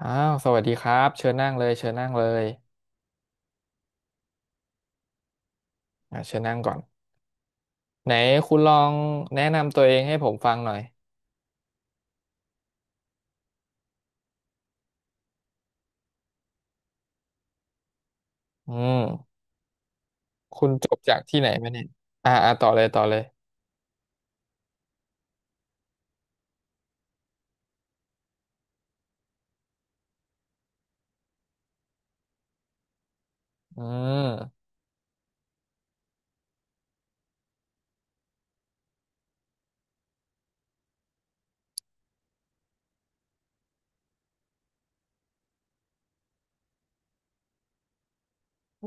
อ้าวสวัสดีครับเชิญนั่งเลยเชิญนั่งเลยเชิญนั่งก่อนไหนคุณลองแนะนำตัวเองให้ผมฟังหน่อยอืมคุณจบจากที่ไหนมาเนี่ยต่อเลยต่อเลยอืม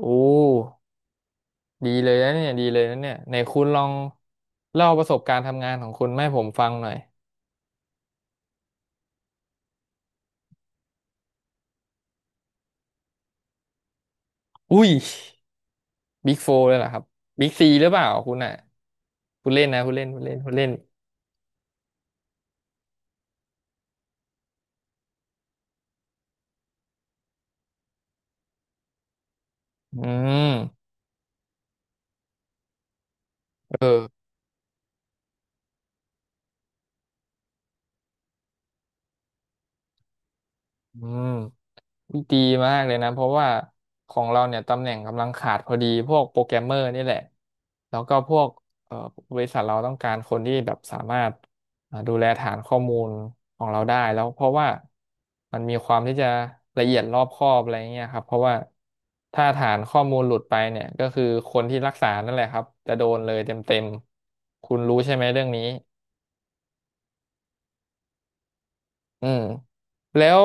อู้ดีเลยนะเนี่ยดีเลยนะเนี่ยไหนคุณลองเล่าประสบการณ์ทำงานของคุณมาให้ผมฟังหน่อยอุ้ยบิ๊กโฟเลยเหรอครับบิ๊กซีหรือเปล่าคุณอ่ะคุณเล่นนะคุณเล่นคุณเล่นคุณเล่นอืมเออ อืมดีมากเลยนะเพราะว่าของเราเนี่ยตำแหน่งกำลังขาดพอดีพวกโปรแกรมเมอร์นี่แหละแล้วก็พวกเอ่อบริษัทเราต้องการคนที่แบบสามารถดูแลฐานข้อมูลของเราได้แล้วเพราะว่ามันมีความที่จะละเอียดรอบคอบอะไรเงี้ยครับเพราะว่าถ้าฐานข้อมูลหลุดไปเนี่ยก็คือคนที่รักษานั่นแหละครับจะโดนเลยเต็มๆตคุณรู้ใช่ไหมเรื่องนี้อืมแล้ว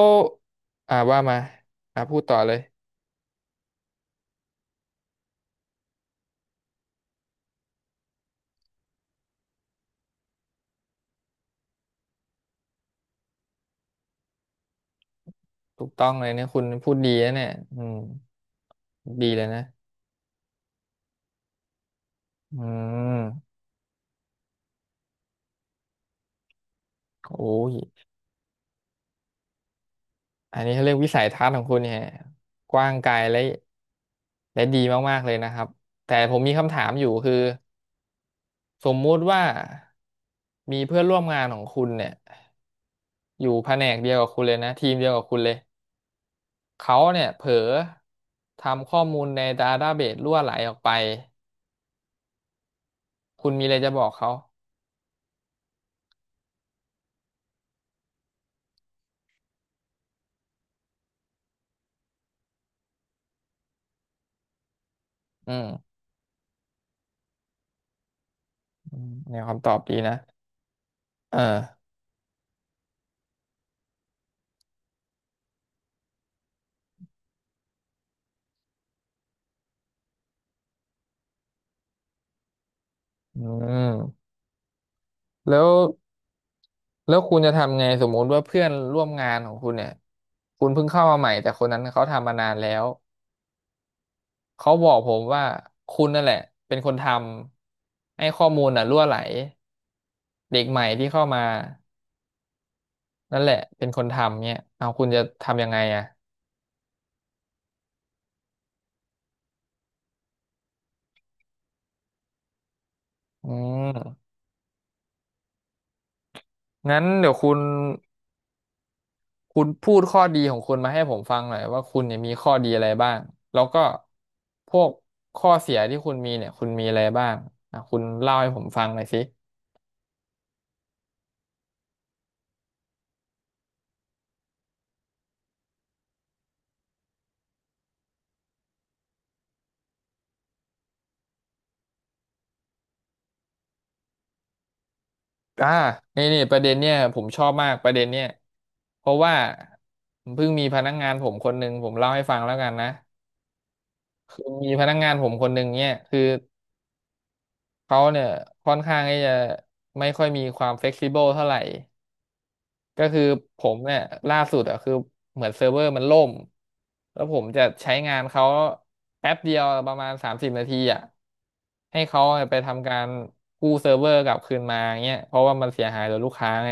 ว่ามาพูดต่อเลย ถูกต้องเลยเนี่ยคุณพูดดีนะเนี่ยอืมดีเลยนะอืมโอ้ยอันนี้เขาเรียกวิสัยทัศน์ของคุณเนี่ยกว้างไกลและและดีมากๆเลยนะครับ แต่ผมมีคำถามอยู่คือสมมุติว่ามีเพื่อนร่วมงานของคุณเนี่ยอยู่แผนกเดียวกับคุณเลยนะทีมเดียวกับคุณเลยเขาเนี่ยเผลอทำข้อมูลในดาต้าเบสรั่วไหลออกไปคุณมีอะไรจะบอกเขาอืมอืมแนวคำตอบดีนะเอออืมแล้ว แล้วคุณจะทำไงสมมติว่าเพื่อนร่วมงานของคุณเนี่ยคุณเพิ่งเข้ามาใหม่แต่คนนั้นเขาทำมานานแล้วเขาบอกผมว่าคุณนั่นแหละเป็นคนทำให้ข้อมูลน่ะรั่วไหลเด็กใหม่ที่เข้ามานั่นแหละเป็นคนทำเนี่ยเอาคุณจะทำยังไงอ่ะอืมงั้นเดี๋ยวคุณพูดข้อดีของคุณมาให้ผมฟังหน่อยว่าคุณเนี่ยมีข้อดีอะไรบ้างแล้วก็พวกข้อเสียที่คุณมีเนี่ยคุณมีอะไรบ้างอ่ะคุณเล่าให้ผมฟังหน่อยสิ อ่านี่นี่ประเด็นเนี่ยผมชอบมากประเด็นเนี่ยเพราะว่าเพิ่งมีพนักงานผมคนหนึ่งผมเล่าให้ฟังแล้วกันนะคือมีพนักงานผมคนหนึ่งเนี่ยคือเขาเนี่ยค่อนข้างที่จะไม่ค่อยมีความเฟ e ซิเบิลเท่าไหร่ก็คือผมเนี่ยล่าสุดอ่ะคือเหมือนเซิร์ฟเวอร์มันล่มแล้วผมจะใช้งานเขาแป๊บเดียวประมาณ30 นาทีอ่ะให้เขาไปทำการกู้เซิร์ฟเวอร์กลับคืนมาเงี้ยเพราะว่ามันเสียหายต่อลูกค้าไง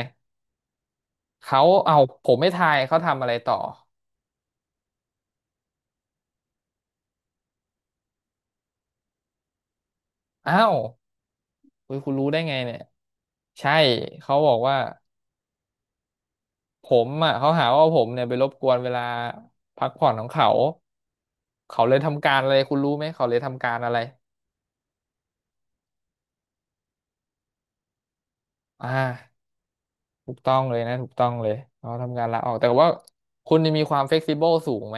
เขาเอาผมไม่ทายเขาทำอะไรต่ออ้าวเฮ้ยคุณรู้ได้ไงเนี่ยใช่เขาบอกว่าผมอ่ะเขาหาว่าผมเนี่ยไปรบกวนเวลาพักผ่อนของเขาเขาเลยทำการอะไรคุณรู้ไหมเขาเลยทำการอะไรอ่าถูกต้องเลยนะถูกต้องเลยเขาทำการลาออกแต่ว่าคุณนี่มีความเฟ e ซิเบิลสูงไหม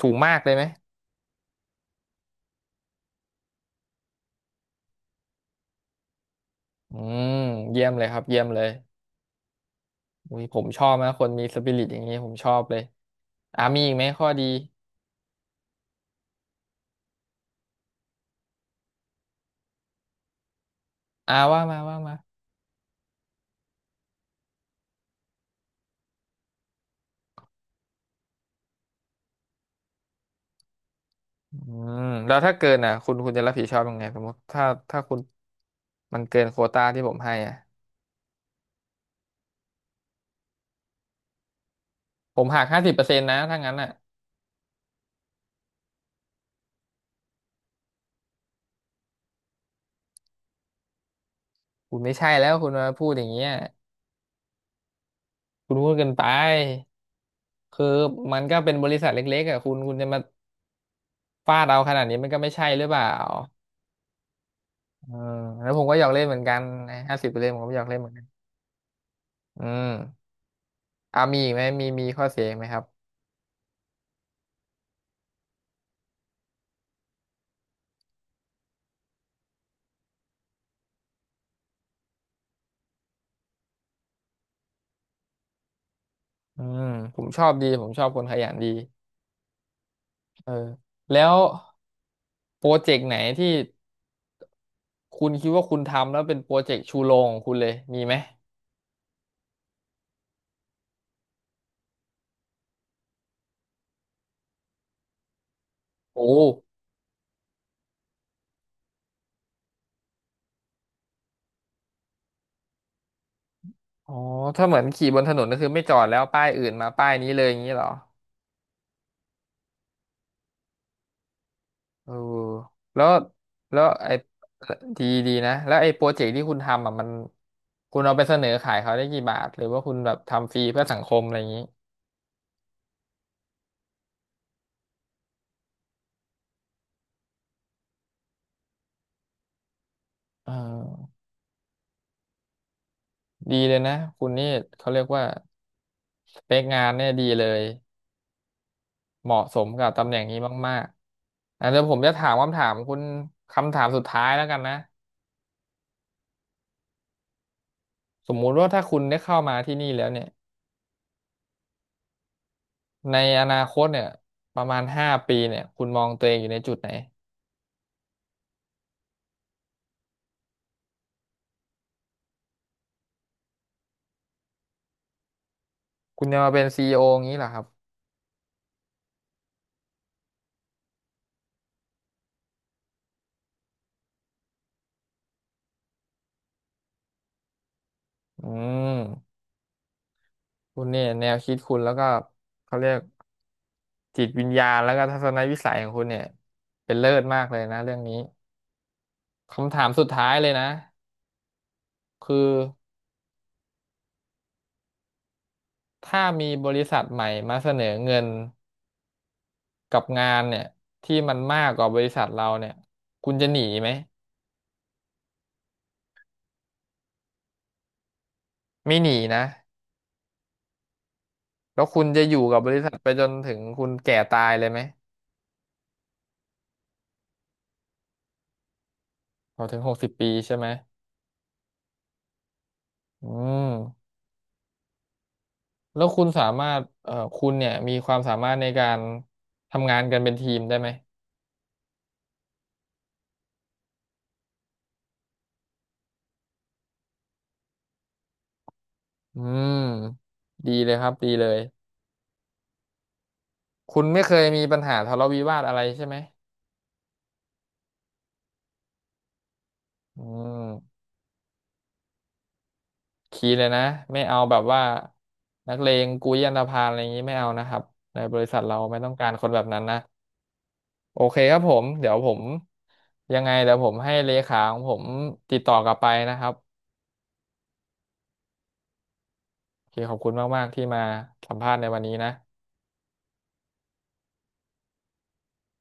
สูงมากเลยไหมอืมเยี่ยมเลยครับเยี่ยมเลยอุ้ยผมชอบนะคนมีสปิริตอย่างนี้ผมชอบเลยอ่ามีอีกไหมข้อดีว่ามาว่ามา อืมแล้วถ้าเกินอ่ะคุณจะรับผิดชอบยังไงสมมติถ้าคุณมันเกินโควตาที่ผมให้อ่ะผมหักห้าสิบเปอร์เซ็นต์นะถ้างั้นอ่ะคุณไม่ใช่แล้วคุณมาพูดอย่างเงี้ยคุณพูดเกินไปคือมันก็เป็นบริษัทเล็กๆอ่ะคุณจะมาฟาดเราขนาดนี้มันก็ไม่ใช่หรือเปล่าเออแล้วผมก็อยากเล่นเหมือนกันห้าสิบเปอร์เซ็นต์ผมก็อยากเล่นเหมือนกันอืมอ่ามีอีกไหมมีข้อเสียอีกไหมครับอืมผมชอบดีผมชอบคนขยันดีเออแล้วโปรเจกต์ไหนที่ คุณคิดว่าคุณทำแล้วเป็นโปรเจกต์ชูโรงของคุณเลยมีไหมโอ้อ๋อถ้าเหมือนขี่บนถนนก็คือไม่จอดแล้วป้ายอื่นมาป้ายนี้เลยอย่างนี้เหรอเออแล้วแล้วไอ้ดีดีนะแล้วไอ้โปรเจกต์ที่คุณทำอ่ะมันคุณเอาไปเสนอขายเขาได้กี่บาทหรือว่าคุณแบบทำฟรีเพื่อสังคมอะไรอย่างนี้เออดีเลยนะคุณนี่เขาเรียกว่าสเปคงานเนี่ยดีเลยเหมาะสมกับตำแหน่งนี้มากๆอ่ะเดี๋ยวผมจะถามคำถามคุณคำถามสุดท้ายแล้วกันนะ สมมุติว่าถ้าคุณได้เข้ามาที่นี่แล้วเนี่ยในอนาคตเนี่ยประมาณ5 ปีเนี่ยคุณมองตัวเองอยู่ในจุดไหนคุณจะมาเป็นซีอีโออย่างนี้เหรอครับอืมคุณเนี่ยแนวคิดคุณแล้วก็เขาเรียกจิตวิญญาณแล้วก็ทัศนวิสัยของคุณเนี่ยเป็นเลิศมากเลยนะเรื่องนี้คำถามสุดท้ายเลยนะคือถ้ามีบริษัทใหม่มาเสนอเงินกับงานเนี่ยที่มันมากกว่าบริษัทเราเนี่ยคุณจะหนีไหมไม่หนีนะ แล้วคุณจะอยู่กับบริษัทไปจนถึงคุณแก่ตายเลยไหมพอถึง60 ปีใช่ไหมอืมแล้วคุณสามารถคุณเนี่ยมีความสามารถในการทำงานกันเป็นทีมได้ไหมอืมดีเลยครับ ดีเลยคุณไม่เคยมีปัญหาทะเลาะวิวาทอะไรใช่ไหมอืมคีย์เลยนะไม่เอาแบบว่านักเลงกุยอันธพาลอะไรอย่างนี้ไม่เอานะครับ ในบริษัทเราไม่ต้องการคนแบบนั้นนะ โอเคครับผมเดี๋ยวผมยังไงเดี๋ยวผมให้เลขาของผมติดต่อกลับไปนะครับโอเคขอบคุณมากๆที่มาสัมภาษณ์ในวันนี้นะ